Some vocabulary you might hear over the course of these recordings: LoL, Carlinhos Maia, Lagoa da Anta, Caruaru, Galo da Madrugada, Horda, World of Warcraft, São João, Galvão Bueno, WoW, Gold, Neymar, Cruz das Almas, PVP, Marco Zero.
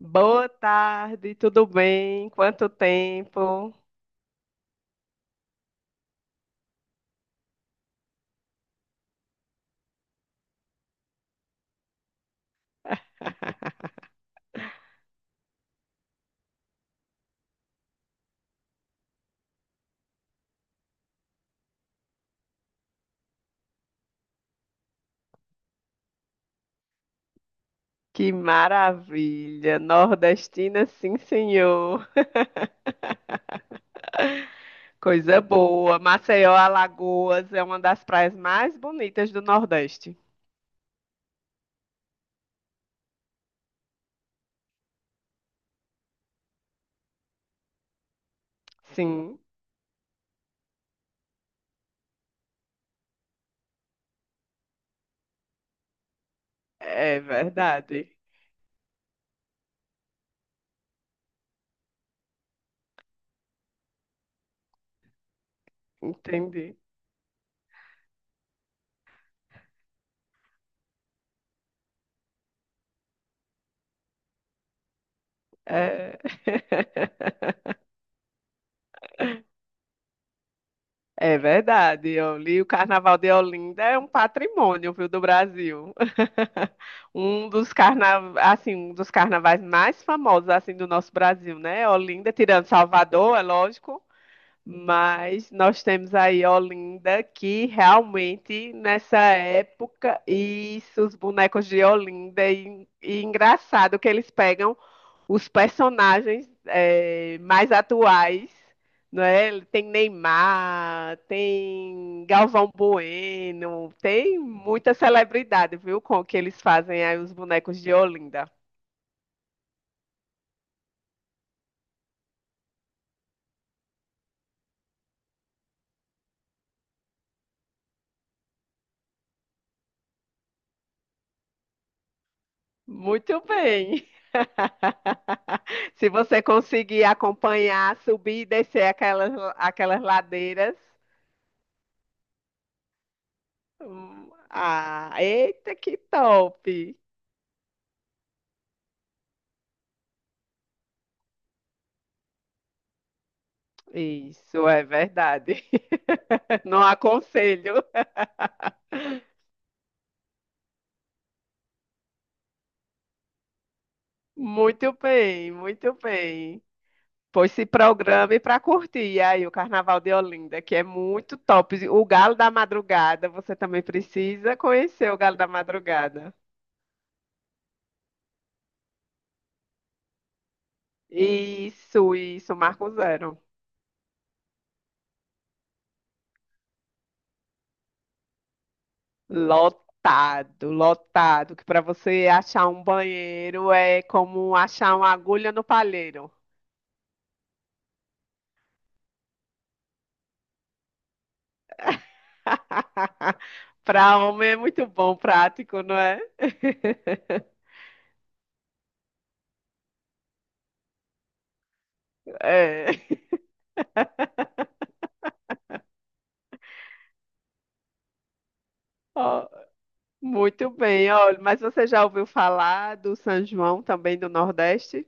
Boa tarde, tudo bem? Quanto tempo? Que maravilha! Nordestina, sim, senhor. Coisa boa. Maceió, Alagoas é uma das praias mais bonitas do Nordeste. Sim, é verdade. Entendi. É, é verdade. Oli, o Carnaval de Olinda é um patrimônio, viu, do Brasil. Assim, um dos carnavais mais famosos assim do nosso Brasil, né? Olinda, tirando Salvador, é lógico, mas nós temos aí Olinda que realmente nessa época isso, os bonecos de Olinda e engraçado que eles pegam os personagens é, mais atuais, não é? Tem Neymar, tem Galvão Bueno, tem muita celebridade, viu? Com o que eles fazem aí os bonecos de Olinda. Muito bem. Se você conseguir acompanhar, subir e descer aquelas ladeiras. Ah, eita, que top! Isso é verdade. Não aconselho. Muito bem, muito bem. Pois se programe para curtir aí o Carnaval de Olinda, que é muito top. O Galo da Madrugada, você também precisa conhecer o Galo da Madrugada. Isso, Marco Zero. Lotado, lotado, que para você achar um banheiro é como achar uma agulha no palheiro. Para homem é muito bom, prático, não é? É. Ó, muito bem, olha, mas você já ouviu falar do São João também do Nordeste?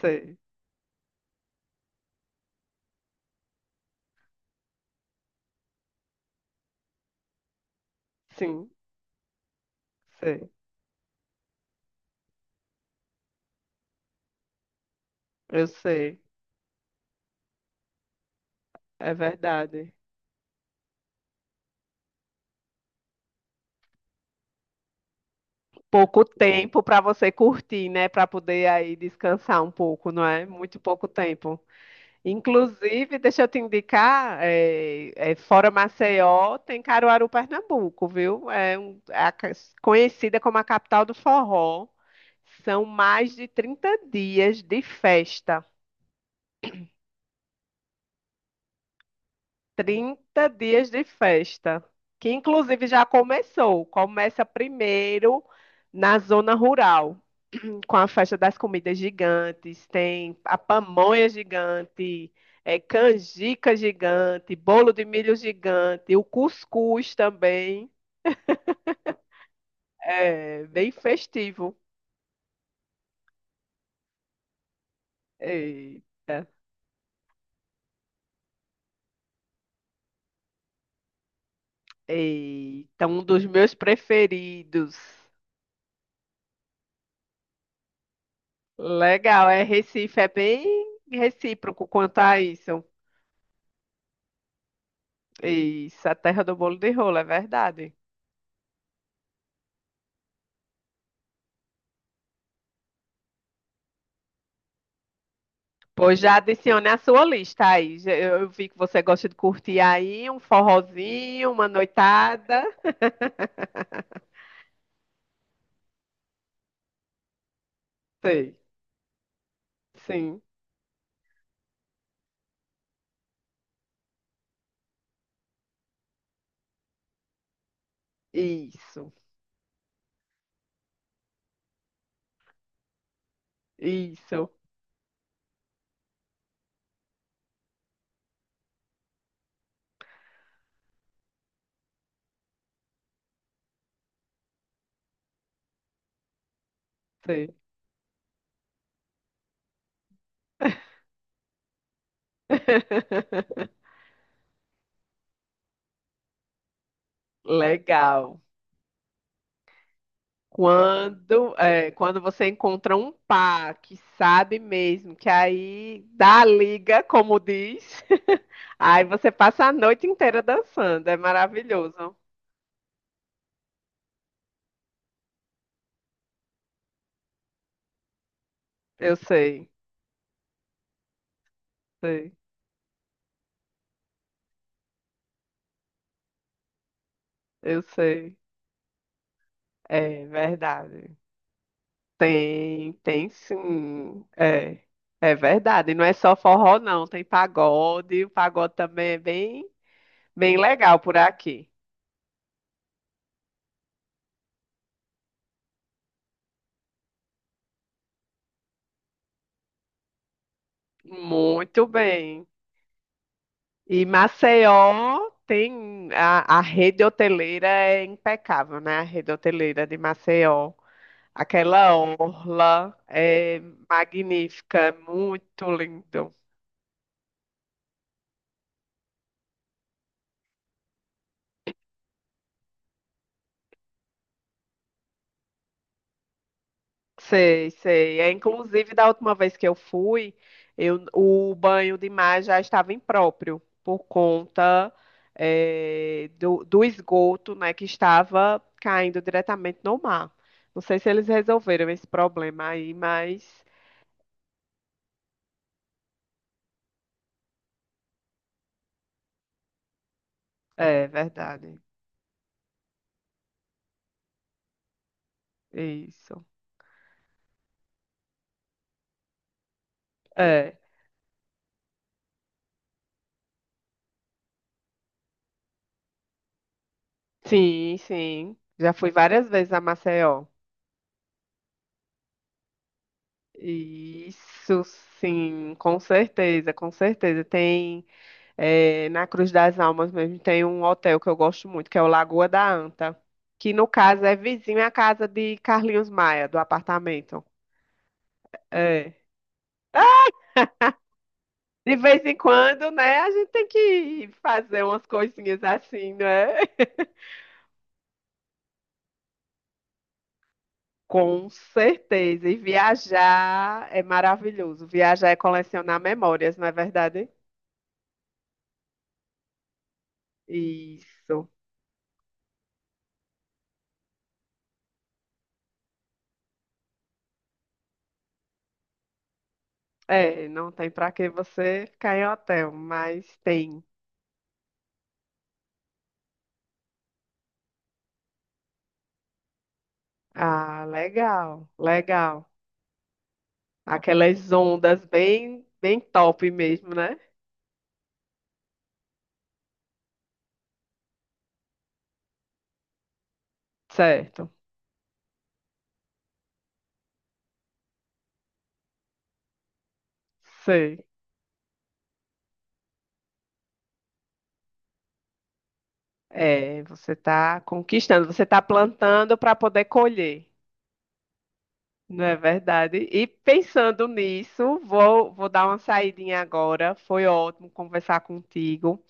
Sei, sim, sei, eu sei, é verdade. Pouco tempo para você curtir, né? Para poder aí descansar um pouco, não é? Muito pouco tempo. Inclusive, deixa eu te indicar, fora Maceió, tem Caruaru, Pernambuco, viu? É, conhecida como a capital do forró. São mais de 30 dias de festa. 30 dias de festa, que inclusive já começou. Começa primeiro na zona rural, com a festa das comidas gigantes, tem a pamonha gigante, é canjica gigante, bolo de milho gigante, o cuscuz também, é bem festivo. Eita, eita, um dos meus preferidos. Legal, é Recife, é bem recíproco quanto a isso. Isso, a terra do bolo de rolo, é verdade. Pois já adicione a sua lista aí. Já- Eu vi que você gosta de curtir aí um forrozinho, uma noitada. Sei, sim. Isso, isso, sei. Legal. Quando, é, quando você encontra um par que sabe mesmo, que aí dá a liga, como diz, aí você passa a noite inteira dançando. É maravilhoso. Eu sei, sei. Eu sei. É verdade. Tem, tem sim. É, é verdade. E não é só forró, não. Tem pagode. O pagode também é bem, bem legal por aqui. Muito bem. E Maceió tem a rede hoteleira é impecável, né? A rede hoteleira de Maceió. Aquela orla é magnífica, é muito lindo. Sei, sei. É, inclusive, da última vez que eu fui, eu, o banho de mar já estava impróprio por conta eh, do esgoto, né, que estava caindo diretamente no mar. Não sei se eles resolveram esse problema aí, mas é verdade. Isso. É. Sim, sim. Já fui várias vezes a Maceió. Isso, sim, com certeza, com certeza. Tem é, na Cruz das Almas mesmo tem um hotel que eu gosto muito, que é o Lagoa da Anta, que no caso é vizinho à casa de Carlinhos Maia, do apartamento. É. De vez em quando, né, a gente tem que ir fazer umas coisinhas assim, né? Com certeza. E viajar é maravilhoso. Viajar é colecionar memórias, não é verdade? Isso. É, não tem para que você ficar em hotel, mas tem. Ah, legal, legal. Aquelas ondas bem, bem top mesmo, né? Certo. Sei. É, você está conquistando, você está plantando para poder colher, não é verdade? E pensando nisso, vou dar uma saidinha agora. Foi ótimo conversar contigo.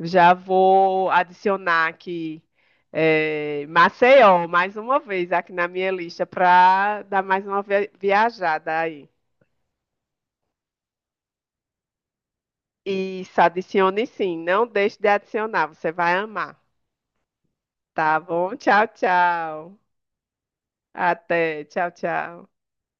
Já vou adicionar aqui é, Maceió mais uma vez aqui na minha lista para dar mais uma viajada aí. Isso, adicione sim. Não deixe de adicionar, você vai amar. Tá bom? Tchau, tchau. Até. Tchau, tchau.